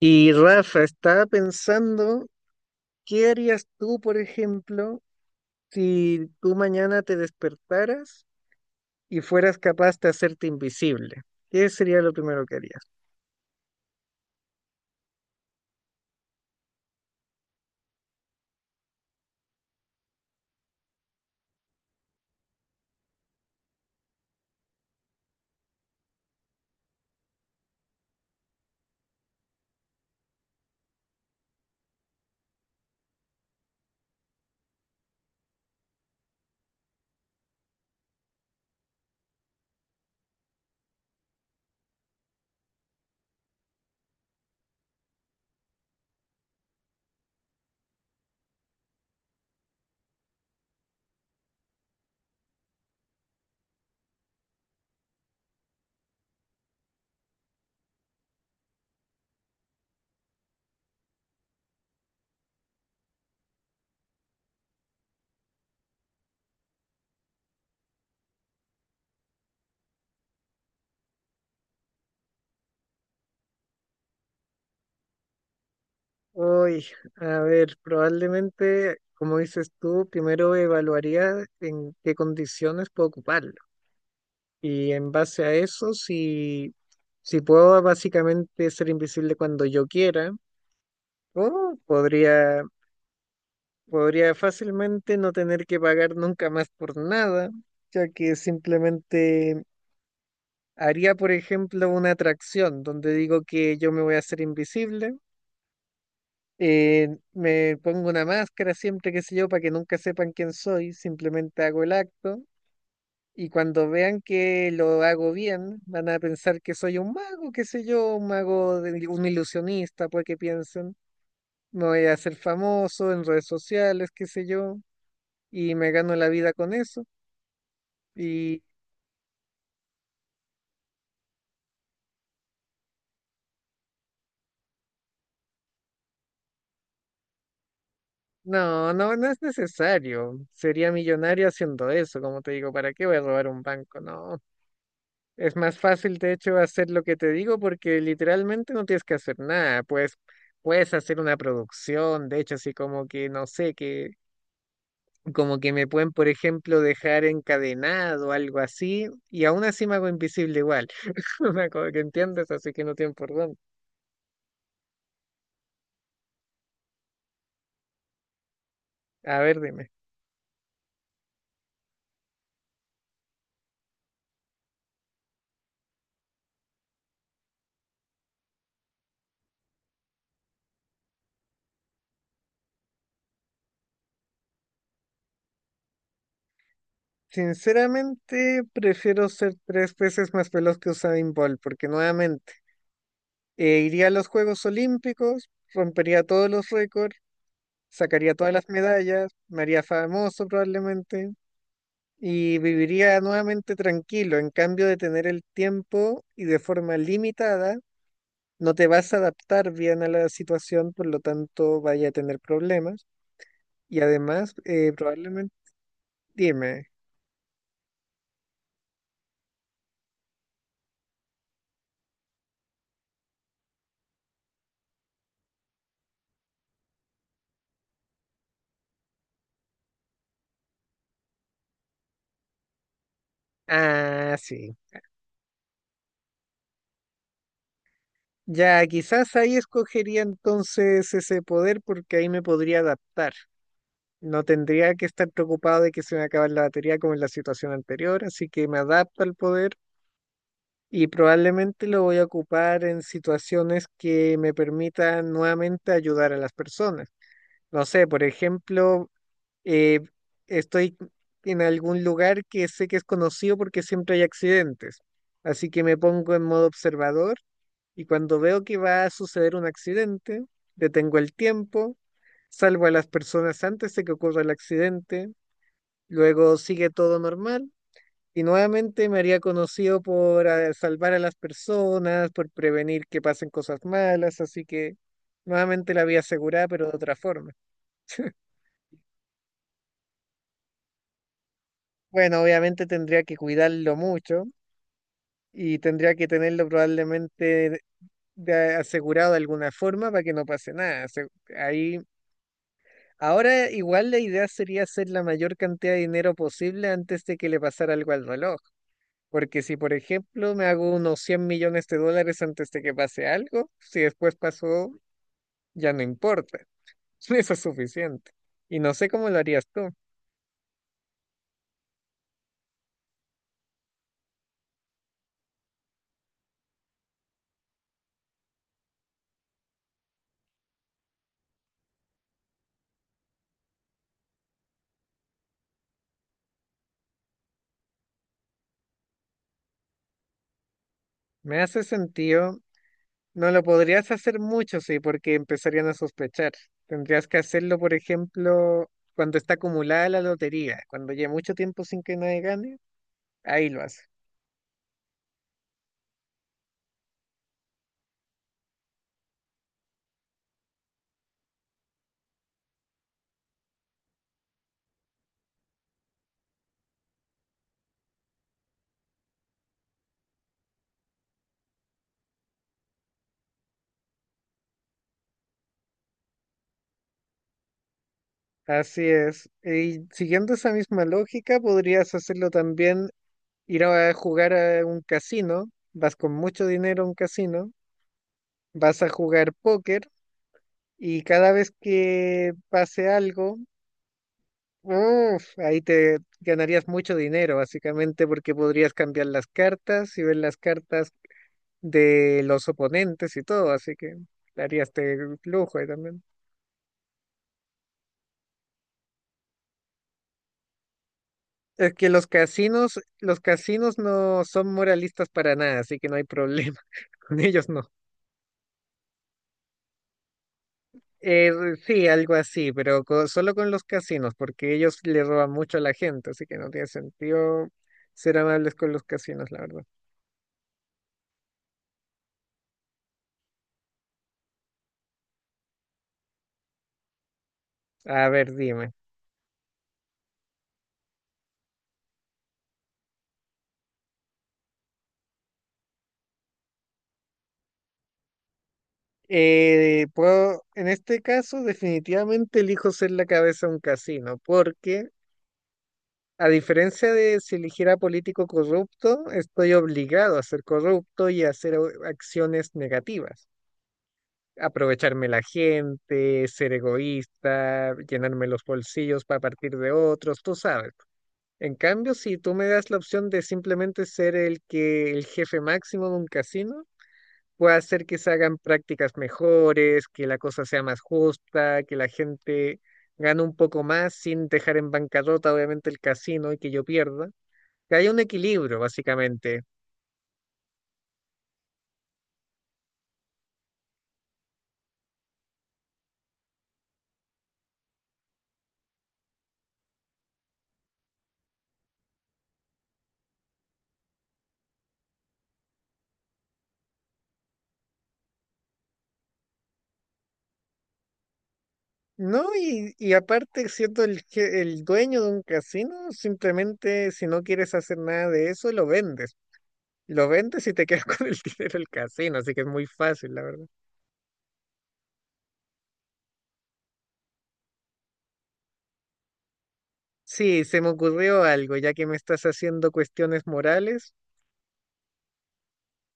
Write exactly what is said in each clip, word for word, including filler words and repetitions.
Y Rafa, estaba pensando, ¿qué harías tú, por ejemplo, si tú mañana te despertaras y fueras capaz de hacerte invisible? ¿Qué sería lo primero que harías? Hoy, a ver, probablemente, como dices tú, primero evaluaría en qué condiciones puedo ocuparlo. Y en base a eso, si, si puedo básicamente ser invisible cuando yo quiera, o podría Podría fácilmente no tener que pagar nunca más por nada, ya que simplemente haría, por ejemplo, una atracción donde digo que yo me voy a hacer invisible, eh, me pongo una máscara siempre, qué sé yo, para que nunca sepan quién soy, simplemente hago el acto, y cuando vean que lo hago bien, van a pensar que soy un mago, qué sé yo, un mago, de- un ilusionista, pues que piensen. Me voy a hacer famoso en redes sociales, qué sé yo, y me gano la vida con eso. Y no, no, no es necesario. Sería millonario haciendo eso, como te digo. ¿Para qué voy a robar un banco? No. Es más fácil, de hecho, hacer lo que te digo porque literalmente no tienes que hacer nada. Pues puedes hacer una producción, de hecho, así como que, no sé, que como que me pueden, por ejemplo, dejar encadenado o algo así, y aún así me hago invisible igual. Una cosa que entiendes, así que no tienen por dónde. A ver, dime. Sinceramente, prefiero ser tres veces más veloz que Usain Bolt, porque nuevamente eh, iría a los Juegos Olímpicos, rompería todos los récords, sacaría todas las medallas, me haría famoso probablemente y viviría nuevamente tranquilo. En cambio de tener el tiempo y de forma limitada, no te vas a adaptar bien a la situación, por lo tanto vaya a tener problemas. Y además, eh, probablemente, dime, ah, sí. Ya, quizás ahí escogería entonces ese poder porque ahí me podría adaptar. No tendría que estar preocupado de que se me acabe la batería como en la situación anterior, así que me adapto al poder y probablemente lo voy a ocupar en situaciones que me permitan nuevamente ayudar a las personas. No sé, por ejemplo, eh, estoy en algún lugar que sé que es conocido porque siempre hay accidentes. Así que me pongo en modo observador, y cuando veo que va a suceder un accidente, detengo el tiempo, salvo a las personas antes de que ocurra el accidente, luego sigue todo normal y nuevamente me haría conocido por eh, salvar a las personas, por prevenir que pasen cosas malas, así que nuevamente la vía asegurada, pero de otra forma. Bueno, obviamente tendría que cuidarlo mucho y tendría que tenerlo probablemente de- asegurado de alguna forma para que no pase nada. Se- Ahí, ahora igual la idea sería hacer la mayor cantidad de dinero posible antes de que le pasara algo al reloj. Porque si, por ejemplo, me hago unos cien millones de dólares antes de que pase algo, si después pasó, ya no importa. Eso es suficiente. Y no sé cómo lo harías tú. Me hace sentido. No lo podrías hacer mucho, sí, porque empezarían a sospechar. Tendrías que hacerlo, por ejemplo, cuando está acumulada la lotería, cuando ya mucho tiempo sin que nadie gane, ahí lo haces. Así es. Y siguiendo esa misma lógica, podrías hacerlo también, ir a jugar a un casino, vas con mucho dinero a un casino, vas a jugar póker y cada vez que pase algo, uf, ahí te ganarías mucho dinero, básicamente, porque podrías cambiar las cartas y ver las cartas de los oponentes y todo, así que le harías de lujo ahí también. Es que los casinos, los casinos no son moralistas para nada, así que no hay problema. Con ellos no. Eh, sí, algo así, pero co- solo con los casinos, porque ellos le roban mucho a la gente, así que no tiene sentido ser amables con los casinos, la verdad. A ver, dime. Eh, puedo, en este caso, definitivamente elijo ser la cabeza de un casino, porque a diferencia de si eligiera político corrupto, estoy obligado a ser corrupto y a hacer o- acciones negativas. Aprovecharme la gente, ser egoísta, llenarme los bolsillos para partir de otros, tú sabes. En cambio, si tú me das la opción de simplemente ser el que, el jefe máximo de un casino, pueda hacer que se hagan prácticas mejores, que la cosa sea más justa, que la gente gane un poco más sin dejar en bancarrota obviamente el casino y que yo pierda. Que haya un equilibrio, básicamente. No, y, y aparte, siendo el, je- el dueño de un casino, simplemente si no quieres hacer nada de eso, lo vendes. Lo vendes y te quedas con el dinero del casino, así que es muy fácil, la verdad. Sí, se me ocurrió algo, ya que me estás haciendo cuestiones morales.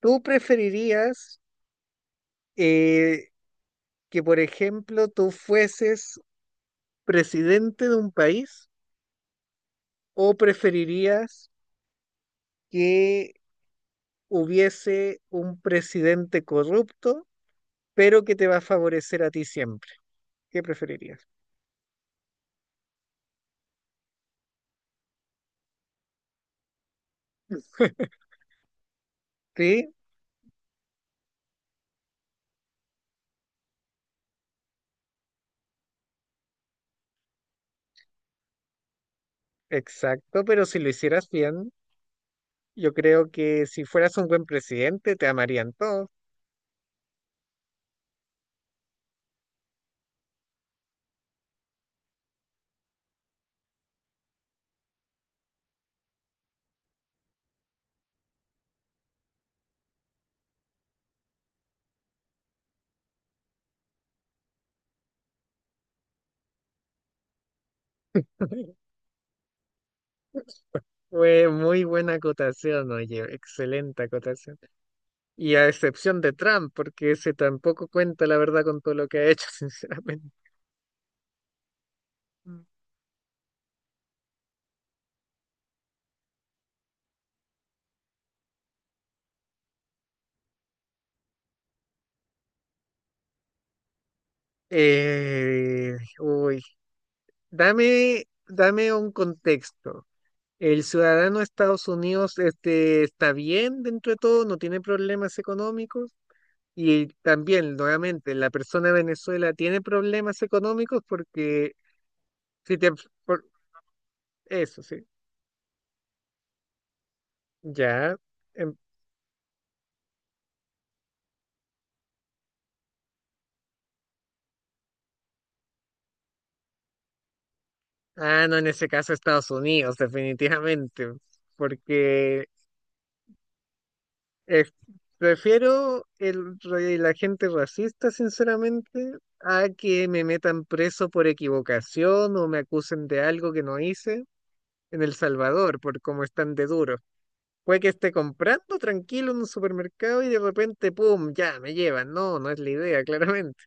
¿Tú preferirías eh, que, por ejemplo, tú fueses presidente de un país, o preferirías que hubiese un presidente corrupto, pero que te va a favorecer a ti siempre? ¿Qué preferirías? Sí, exacto, pero si lo hicieras bien, yo creo que si fueras un buen presidente, te amarían todos. Fue muy buena acotación, oye, excelente acotación. Y a excepción de Trump, porque ese tampoco cuenta la verdad con todo lo que ha hecho, sinceramente. Eh, uy, dame, dame un contexto. ¿El ciudadano de Estados Unidos este, está bien dentro de todo? ¿No tiene problemas económicos? Y también, nuevamente, la persona de Venezuela tiene problemas económicos porque si te... por- eso, sí. Ya. em- ah, no, en ese caso Estados Unidos, definitivamente. Porque Eh, prefiero el, re- la gente racista, sinceramente, a que me metan preso por equivocación o me acusen de algo que no hice en El Salvador, por cómo están de duro. Puede que esté comprando tranquilo en un supermercado y de repente, ¡pum!, ya me llevan. No, no es la idea, claramente.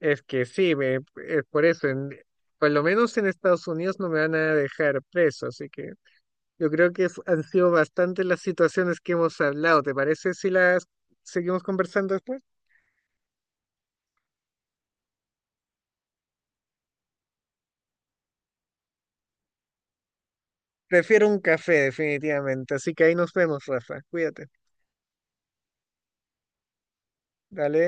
Es que sí, me, es por eso. En- por lo menos en Estados Unidos no me van a dejar preso, así que yo creo que es- han sido bastante las situaciones que hemos hablado. ¿Te parece si las seguimos conversando después? Prefiero un café, definitivamente. Así que ahí nos vemos, Rafa. Cuídate. Dale.